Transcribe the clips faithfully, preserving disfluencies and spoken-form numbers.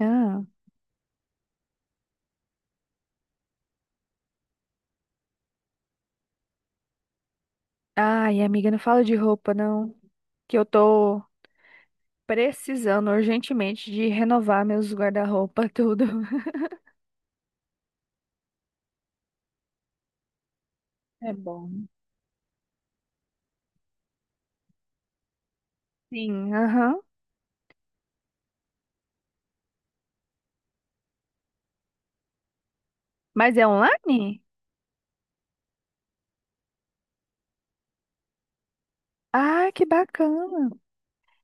Ah. Ai, amiga, não fala de roupa, não. Que eu tô precisando urgentemente de renovar meus guarda-roupa, tudo. É bom. Sim, aham. Mas é online? Ah, que bacana.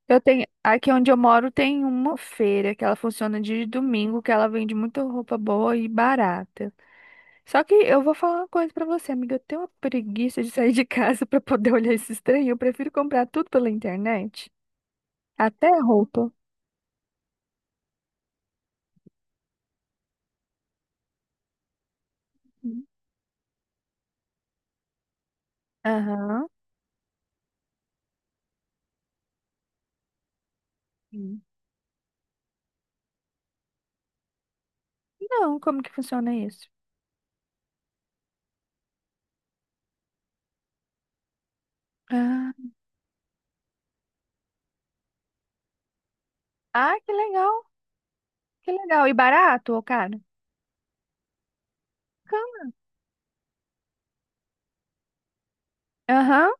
Eu tenho, aqui onde eu moro tem uma feira que ela funciona de domingo, que ela vende muita roupa boa e barata. Só que eu vou falar uma coisa pra você, amiga, eu tenho uma preguiça de sair de casa pra poder olhar esse trem. Eu prefiro comprar tudo pela internet, até roupa. Aham. Hum. Não, como que funciona isso? Ah, Ah, que legal, que legal. E barato, ô cara? Cama. Aham,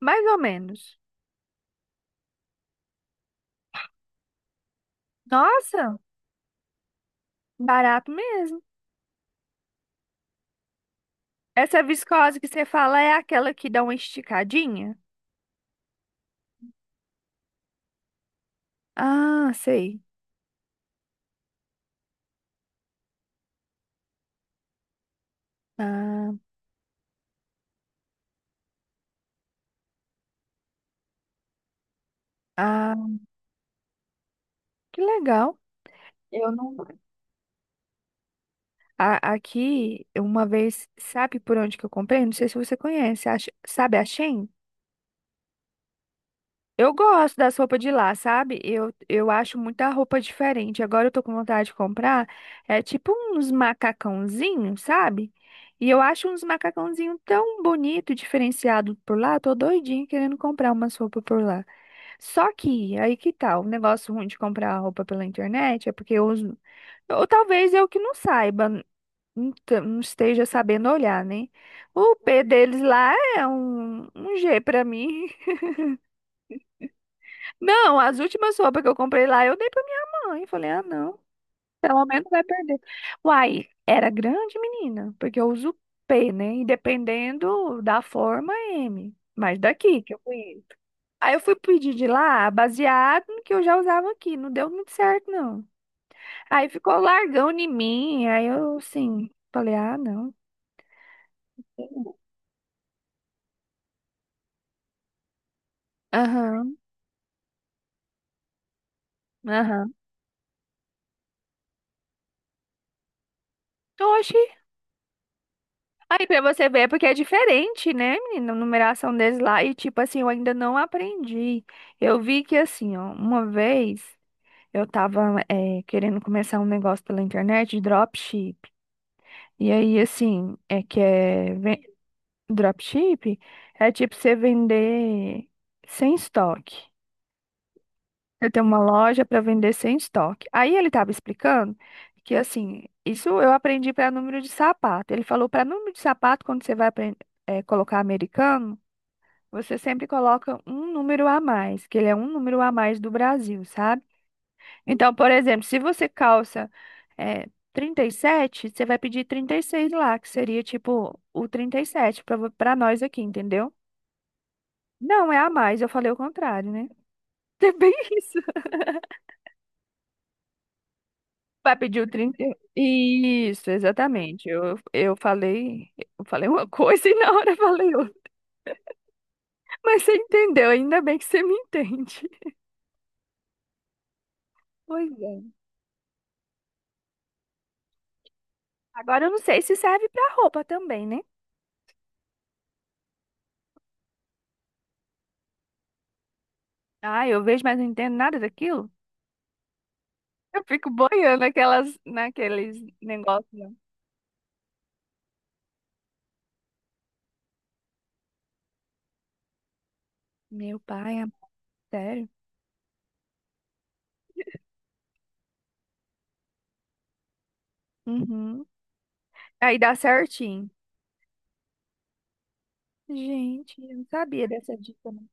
mais ou menos. Nossa, barato mesmo. Essa viscose que você fala é aquela que dá uma esticadinha? Ah, sei. Ah, ah, que legal. Eu não. A- aqui, uma vez, sabe por onde que eu comprei? Não sei se você conhece. A, Sh- sabe a Shein? Eu gosto das roupas de lá, sabe? Eu, eu acho muita roupa diferente. Agora eu tô com vontade de comprar. É tipo uns macacãozinhos, sabe? E eu acho uns macacãozinhos tão bonito, diferenciado por lá. Tô doidinha querendo comprar umas roupas por lá. Só que, aí que tal? O negócio ruim de comprar roupa pela internet é porque eu uso. Ou talvez eu que não saiba, não te- não esteja sabendo olhar, né? O pé deles lá é um, um G pra mim. Não, as últimas roupas que eu comprei lá, eu dei pra minha mãe. Falei, ah, não, pelo menos vai perder. Uai, era grande, menina, porque eu uso P, né? E dependendo da forma, M. Mas daqui que eu conheço. Aí eu fui pedir de lá, baseado no que eu já usava aqui. Não deu muito certo, não. Aí ficou largão em mim. Aí eu, assim, falei, ah, não. Aham, aham. Oxi. Aí pra você ver, é porque é diferente, né, menina? A numeração deles lá. E tipo assim, eu ainda não aprendi. Eu vi que assim, ó, uma vez eu tava é, querendo começar um negócio pela internet de dropship. E aí, assim, é que é ven- dropship é tipo você vender sem estoque. Eu tenho uma loja para vender sem estoque. Aí ele estava explicando que assim, isso eu aprendi para número de sapato. Ele falou para número de sapato quando você vai aprender colocar americano. Você sempre coloca um número a mais, que ele é um número a mais do Brasil, sabe? Então, por exemplo, se você calça é, trinta e sete, você vai pedir trinta e seis lá, que seria tipo o trinta e sete para para nós aqui, entendeu? Não, é a mais, eu falei o contrário, né? É bem isso. Vai pedir o trinta. Isso, exatamente. Eu, eu falei, eu falei uma coisa e na hora eu falei outra. Mas você entendeu, ainda bem que você me entende. Pois é. Agora eu não sei se serve para roupa também, né? Ah, eu vejo, mas não entendo nada daquilo. Eu fico boiando naquelas, naqueles negócios, né? Meu pai, é sério? Uhum. Aí dá certinho. Gente, eu não sabia dessa dica, não.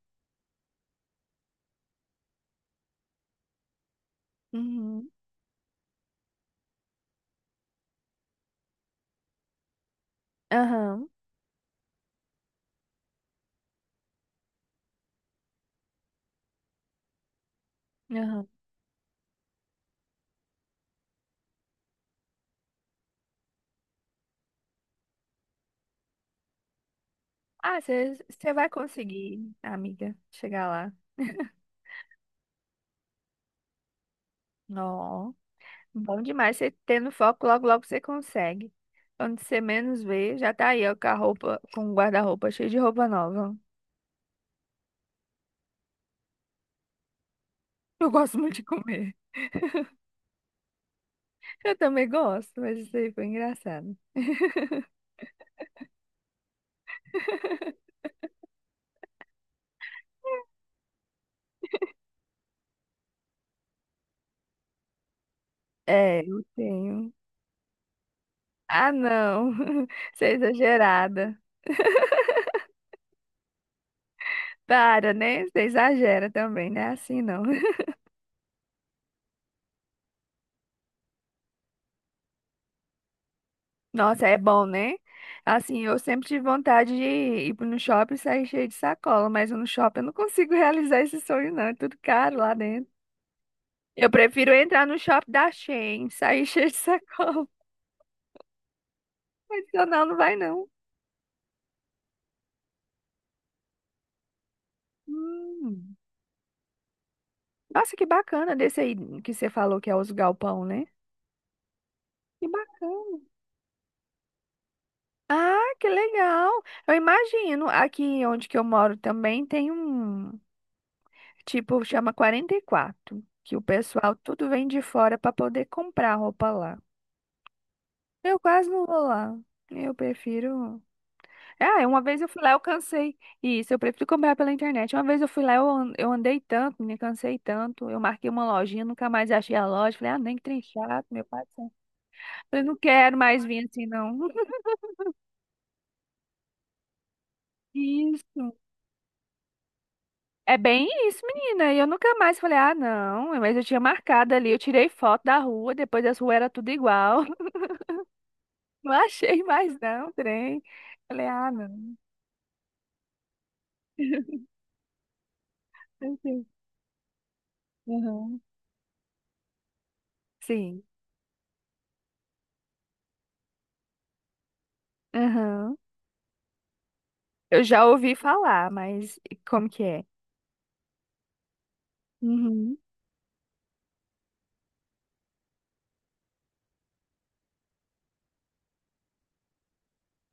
Uhum. Aham, aham. Ah, você vai conseguir, amiga, chegar lá. Ó, bom demais. Você tendo foco, logo, logo você consegue. Quando você menos vê, já tá aí, ó, com a roupa, com o guarda-roupa cheio de roupa nova. Eu gosto muito de comer. Eu também gosto, mas isso aí foi engraçado. É, eu tenho. Ah, não. Você é exagerada. Para, né? Você exagera também, né? Assim não. Nossa, é bom, né? Assim, eu sempre tive vontade de ir pro- no shopping e sair cheio de sacola, mas no shopping eu não consigo realizar esse sonho, não. É tudo caro lá dentro. Eu prefiro entrar no shopping da Shein, sair cheio de sacola. Adicional não vai, não. Hum. Nossa, que bacana desse aí que você falou que é os galpão, né? Que bacana. Ah, que legal! Eu imagino, aqui onde que eu moro também tem um, tipo, chama quarenta e quatro, que o pessoal tudo vem de fora para poder comprar roupa lá. Eu quase não vou lá. Eu prefiro. Ah, uma vez eu fui lá, eu cansei. Isso, eu prefiro comprar pela internet. Uma vez eu fui lá, eu an- eu andei tanto, me cansei tanto. Eu marquei uma lojinha, nunca mais achei a loja. Falei, ah, nem que trem chato, meu pai do céu. Falei, não quero mais vir assim, não. Isso. É bem isso, menina. E eu nunca mais falei, ah, não, mas eu tinha marcado ali, eu tirei foto da rua, depois as ruas era tudo igual. Não achei mais, não, trem. Falei, ah, não. Tranquilo. Aham. Sim. Aham. Eu já ouvi falar, mas como que é? Uhum.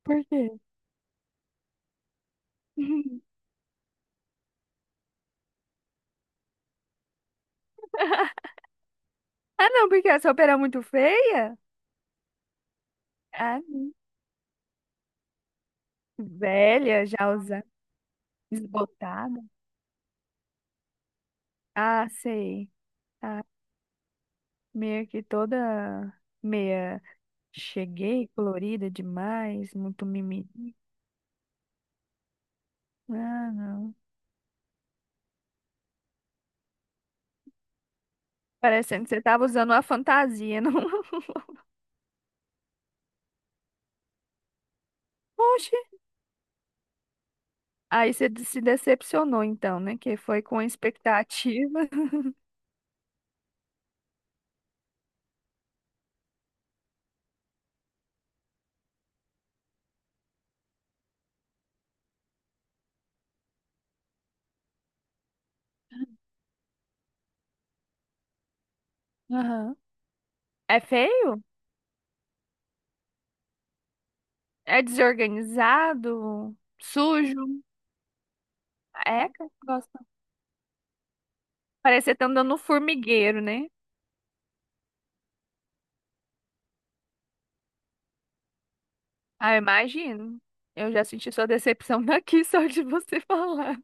Por quê? Ah, não, porque essa opera é muito feia? Ah, não. Velha, já usa esbotada. Ah, sei. Ah, meio que toda meia. Cheguei colorida demais, muito mimimi. Ah, não. Parecendo que você tava usando uma fantasia, não? Oxe. Aí você de- se decepcionou, então, né? Que foi com a expectativa. Aham. É feio? É desorganizado? Sujo? É, cara, gosta. Parece que você tá andando no formigueiro, né? Ah, eu imagino. Eu já senti sua decepção daqui, só de você falar.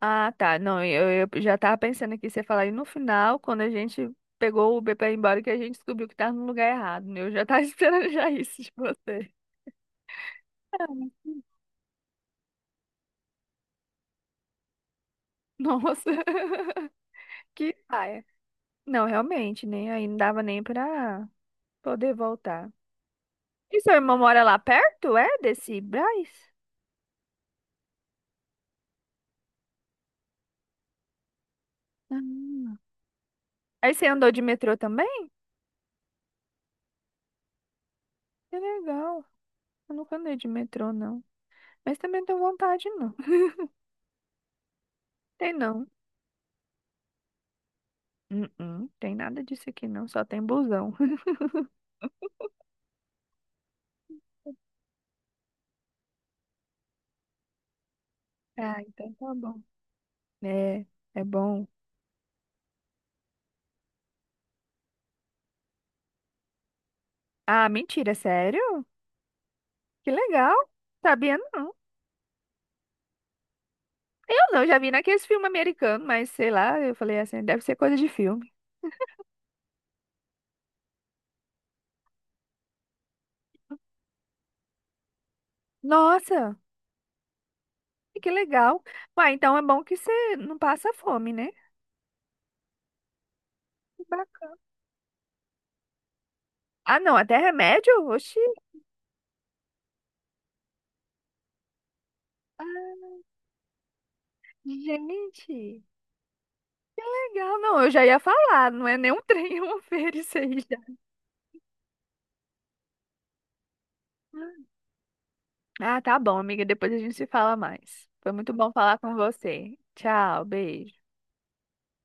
Ah, tá. Não, eu, eu já tava pensando aqui, você falar, e no final, quando a gente pegou o Uber pra ir embora, que a gente descobriu que tava no lugar errado, né? Eu já tava esperando já isso de você. Ah, nossa, que paia. Não, realmente, né? Aí não dava nem pra poder voltar. E seu irmão mora lá perto, é? Desse Brás? Ah. Aí você andou de metrô também? Que legal. Eu nunca andei de metrô, não. Mas também não tenho vontade, não. Tem não. Hum, hum. Tem nada disso aqui, não. Só tem busão. Ah, então tá bom. É, é bom. Ah, mentira, sério? Que legal. Sabia não. Eu não, já vi naqueles filmes americanos, mas sei lá, eu falei assim, deve ser coisa de filme. Nossa, que legal. Ué, então é bom que você não passa fome, né? Ba- Ah, não, até remédio? Oxi. Ah, gente, legal. Não, eu já ia falar, não é nem um trem, é uma feira isso aí já. Ah, tá bom, amiga, depois a gente se fala mais. Foi muito bom falar com você. Tchau, beijo.